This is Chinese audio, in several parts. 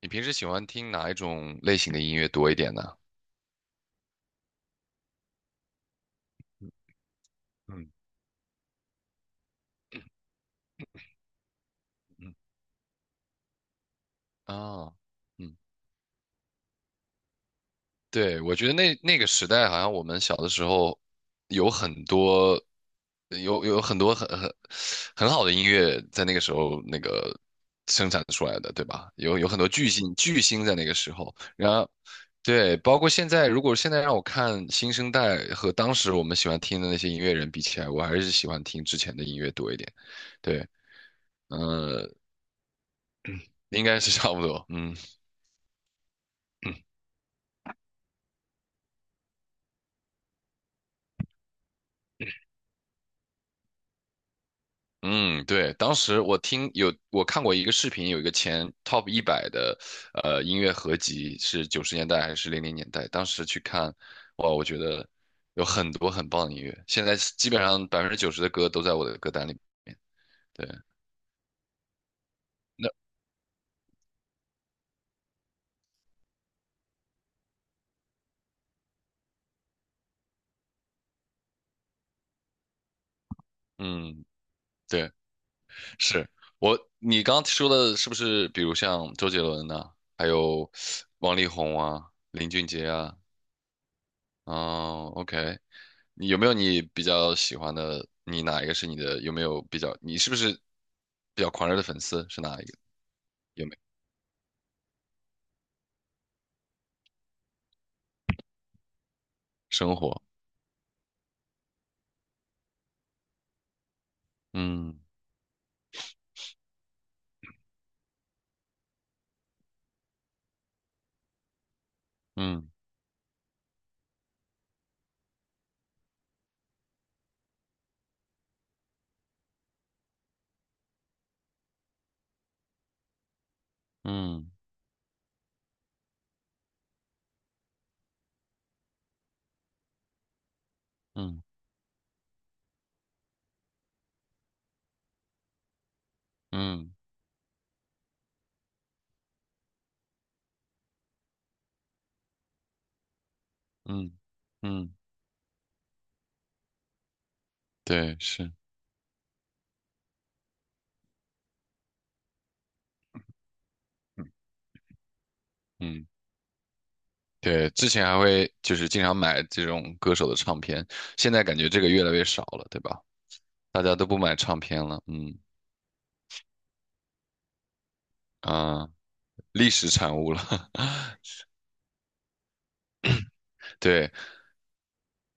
你平时喜欢听哪一种类型的音乐多一点呢？嗯。嗯。啊，嗯，对，我觉得那个时代，好像我们小的时候有很多，有很多很很好的音乐在那个时候那个生产出来的，对吧？有很多巨星在那个时候，然后对，包括现在，如果现在让我看新生代和当时我们喜欢听的那些音乐人比起来，我还是喜欢听之前的音乐多一点。对，呃应该是差不多。嗯。嗯。嗯，对，当时我听有我看过一个视频，有一个前 top 一百的音乐合集是九十年代还是零零年代，当时去看，哇，我觉得有很多很棒的音乐，现在基本上百分之九十的歌都在我的歌单里面。对，那。嗯，对，是。我你刚刚说的是不是，比如像周杰伦呐、还有王力宏啊、林俊杰啊。哦，OK,你有没有你比较喜欢的？你哪一个是你的？有没有比较？你是不是比较狂热的粉丝？是哪一个？有没有生活？嗯。嗯。嗯。嗯。嗯。嗯。嗯，对，是。嗯，对，之前还会就是经常买这种歌手的唱片，现在感觉这个越来越少了，对吧？大家都不买唱片了。嗯。啊，历史产物了。对。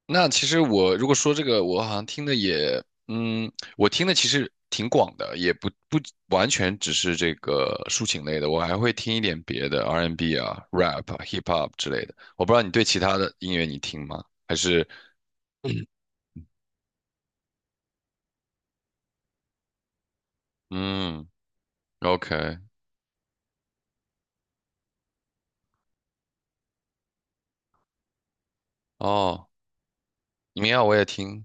那其实我如果说这个，我好像听的也，嗯，我听的其实挺广的，也不完全只是这个抒情类的，我还会听一点别的 R&B 啊、rap 啊 hip hop 之类的。我不知道你对其他的音乐你听吗？还是。嗯OK，o k。 哦，民谣我也听，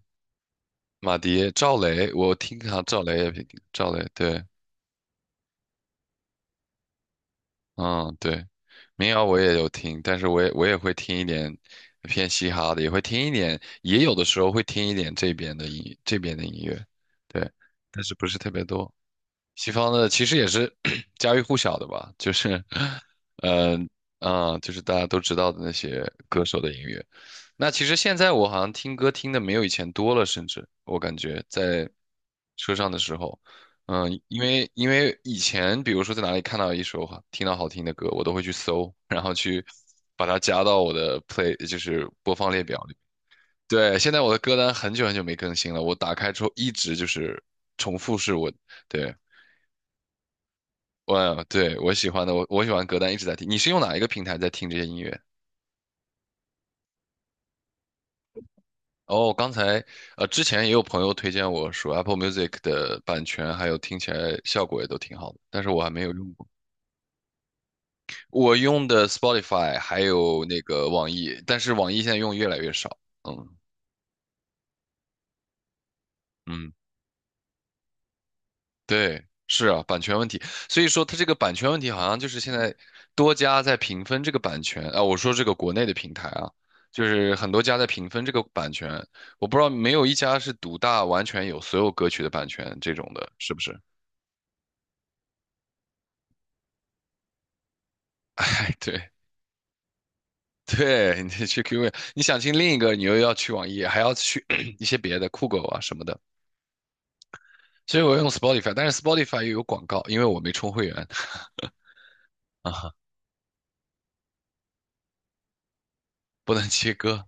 马迪、赵雷，我听哈赵雷也听，赵雷对。嗯，对，民谣我也有听，但是我也会听一点偏嘻哈的，也会听一点，也有的时候会听一点这边的音乐，对，但是不是特别多。西方的其实也是 家喻户晓的吧，就是。呃，啊、就是大家都知道的那些歌手的音乐。那其实现在我好像听歌听的没有以前多了，甚至我感觉在车上的时候。嗯，因为以前比如说在哪里看到一首好听到好听的歌，我都会去搜，然后去把它加到我的 play,就是播放列表里。对，现在我的歌单很久没更新了，我打开之后一直就是重复是我。对，我喜欢的，我喜欢歌单一直在听。你是用哪一个平台在听这些音乐？哦，刚才之前也有朋友推荐我说 Apple Music 的版权还有听起来效果也都挺好的，但是我还没有用过。我用的 Spotify 还有那个网易，但是网易现在用越来越少。嗯。嗯，对，是啊，版权问题。所以说它这个版权问题好像就是现在多家在平分这个版权啊，我说这个国内的平台啊，就是很多家在平分这个版权，我不知道没有一家是独大完全有所有歌曲的版权这种的，是不是？哎，对。对，你去 QQ,你想听另一个，你又要去网易，还要去 一些别的酷狗啊什么的。所以我用 Spotify,但是 Spotify 又有广告，因为我没充会员。 啊，不能切歌。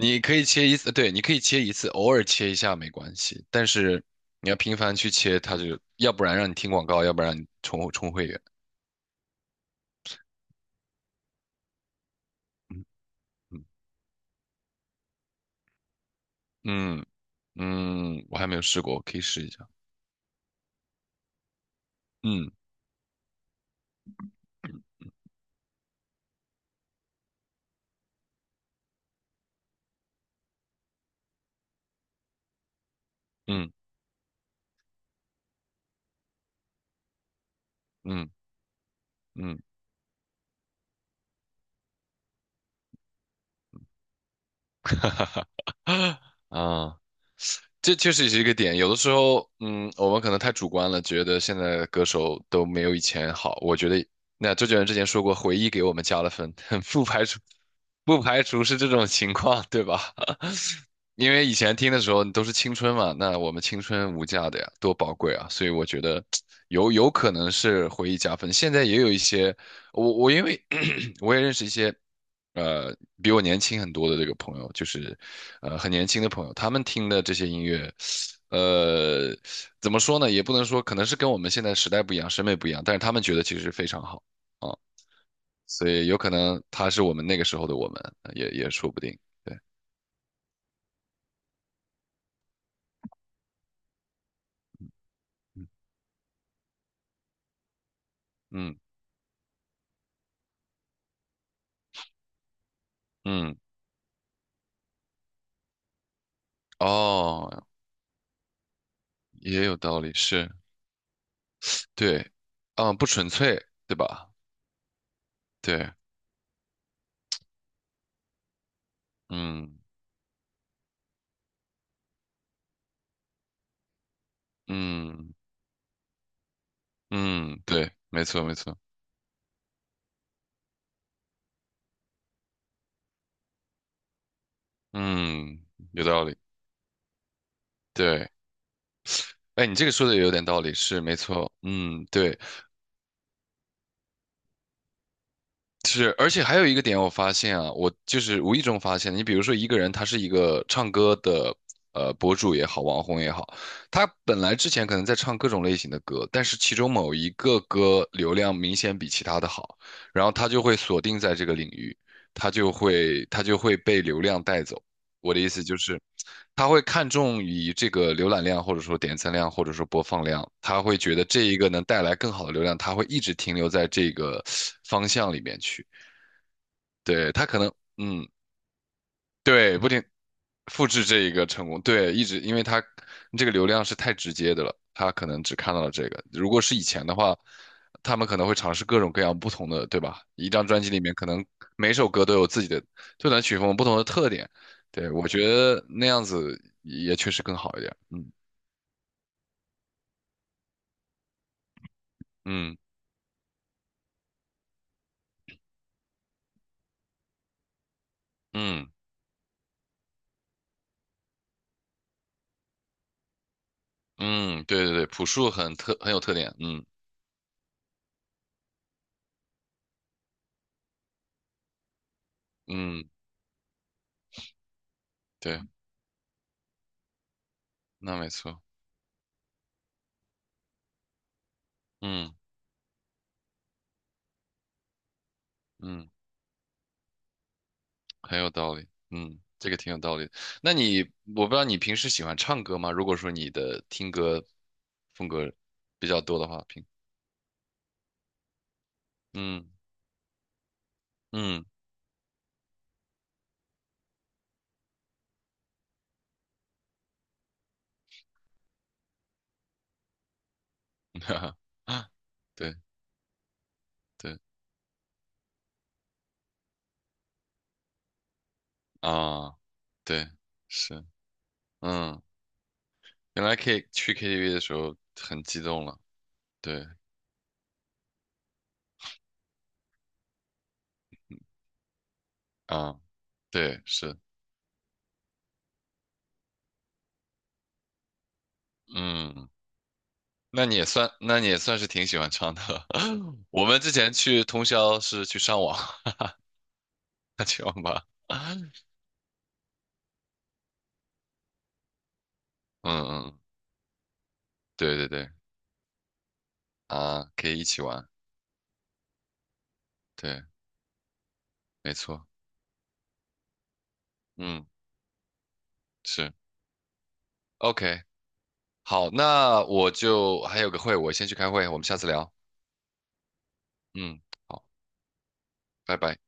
你可以切一次，对，你可以切一次，偶尔切一下没关系，但是你要频繁去切，它就要不然让你听广告，要不然让你充会员。嗯。嗯，嗯我还没有试过，我可以试一下。嗯。嗯。嗯。嗯。啊，这确实是一个点。有的时候，嗯，我们可能太主观了，觉得现在的歌手都没有以前好。我觉得，那周杰伦之前说过，回忆给我们加了分。不排除不排除是这种情况，对吧？因为以前听的时候都是青春嘛，那我们青春无价的呀，多宝贵啊！所以我觉得有可能是回忆加分。现在也有一些，我因为 我也认识一些。呃，比我年轻很多的这个朋友，就是，呃，很年轻的朋友，他们听的这些音乐，呃，怎么说呢？也不能说，可能是跟我们现在时代不一样，审美不一样，但是他们觉得其实非常好啊，所以有可能他是我们那个时候的我们，也说不定。对。嗯。嗯。哦，也有道理，是，对，啊，不纯粹，对吧？对。嗯。嗯。嗯，对，没错没错。嗯，有道理，对。哎，你这个说的也有点道理，是没错，嗯，对，是，而且还有一个点我发现啊，我就是无意中发现，你比如说一个人他是一个唱歌的博主也好，网红也好，他本来之前可能在唱各种类型的歌，但是其中某一个歌流量明显比其他的好，然后他就会锁定在这个领域，他就会被流量带走。我的意思就是，他会看重于这个浏览量，或者说点赞量，或者说播放量，他会觉得这一个能带来更好的流量，他会一直停留在这个方向里面去。对，他可能。嗯，对，不停，复制这一个成功，对，一直因为他这个流量是太直接的了，他可能只看到了这个。如果是以前的话，他们可能会尝试各种各样不同的，对吧？一张专辑里面可能每首歌都有自己的曲风不同的特点，对，我觉得那样子也确实更好一点。嗯。嗯。嗯。嗯，对对对，朴树很特很有特点。嗯。嗯，对，那没错。嗯。嗯。很有道理，嗯，这个挺有道理。那你，我不知道你平时喜欢唱歌吗？如果说你的听歌风格比较多的话，平。嗯。嗯，对对啊，对，是，嗯，原来可以去 KTV 的时候很激动了，对啊，对是，嗯，那你也算，那你也算是挺喜欢唱的。我们之前去通宵是去上网。去网吧。嗯。嗯，对对对。啊，可以一起玩，对，没错，嗯，是，OK,好，那我就还有个会，我先去开会，我们下次聊，嗯，好，拜拜。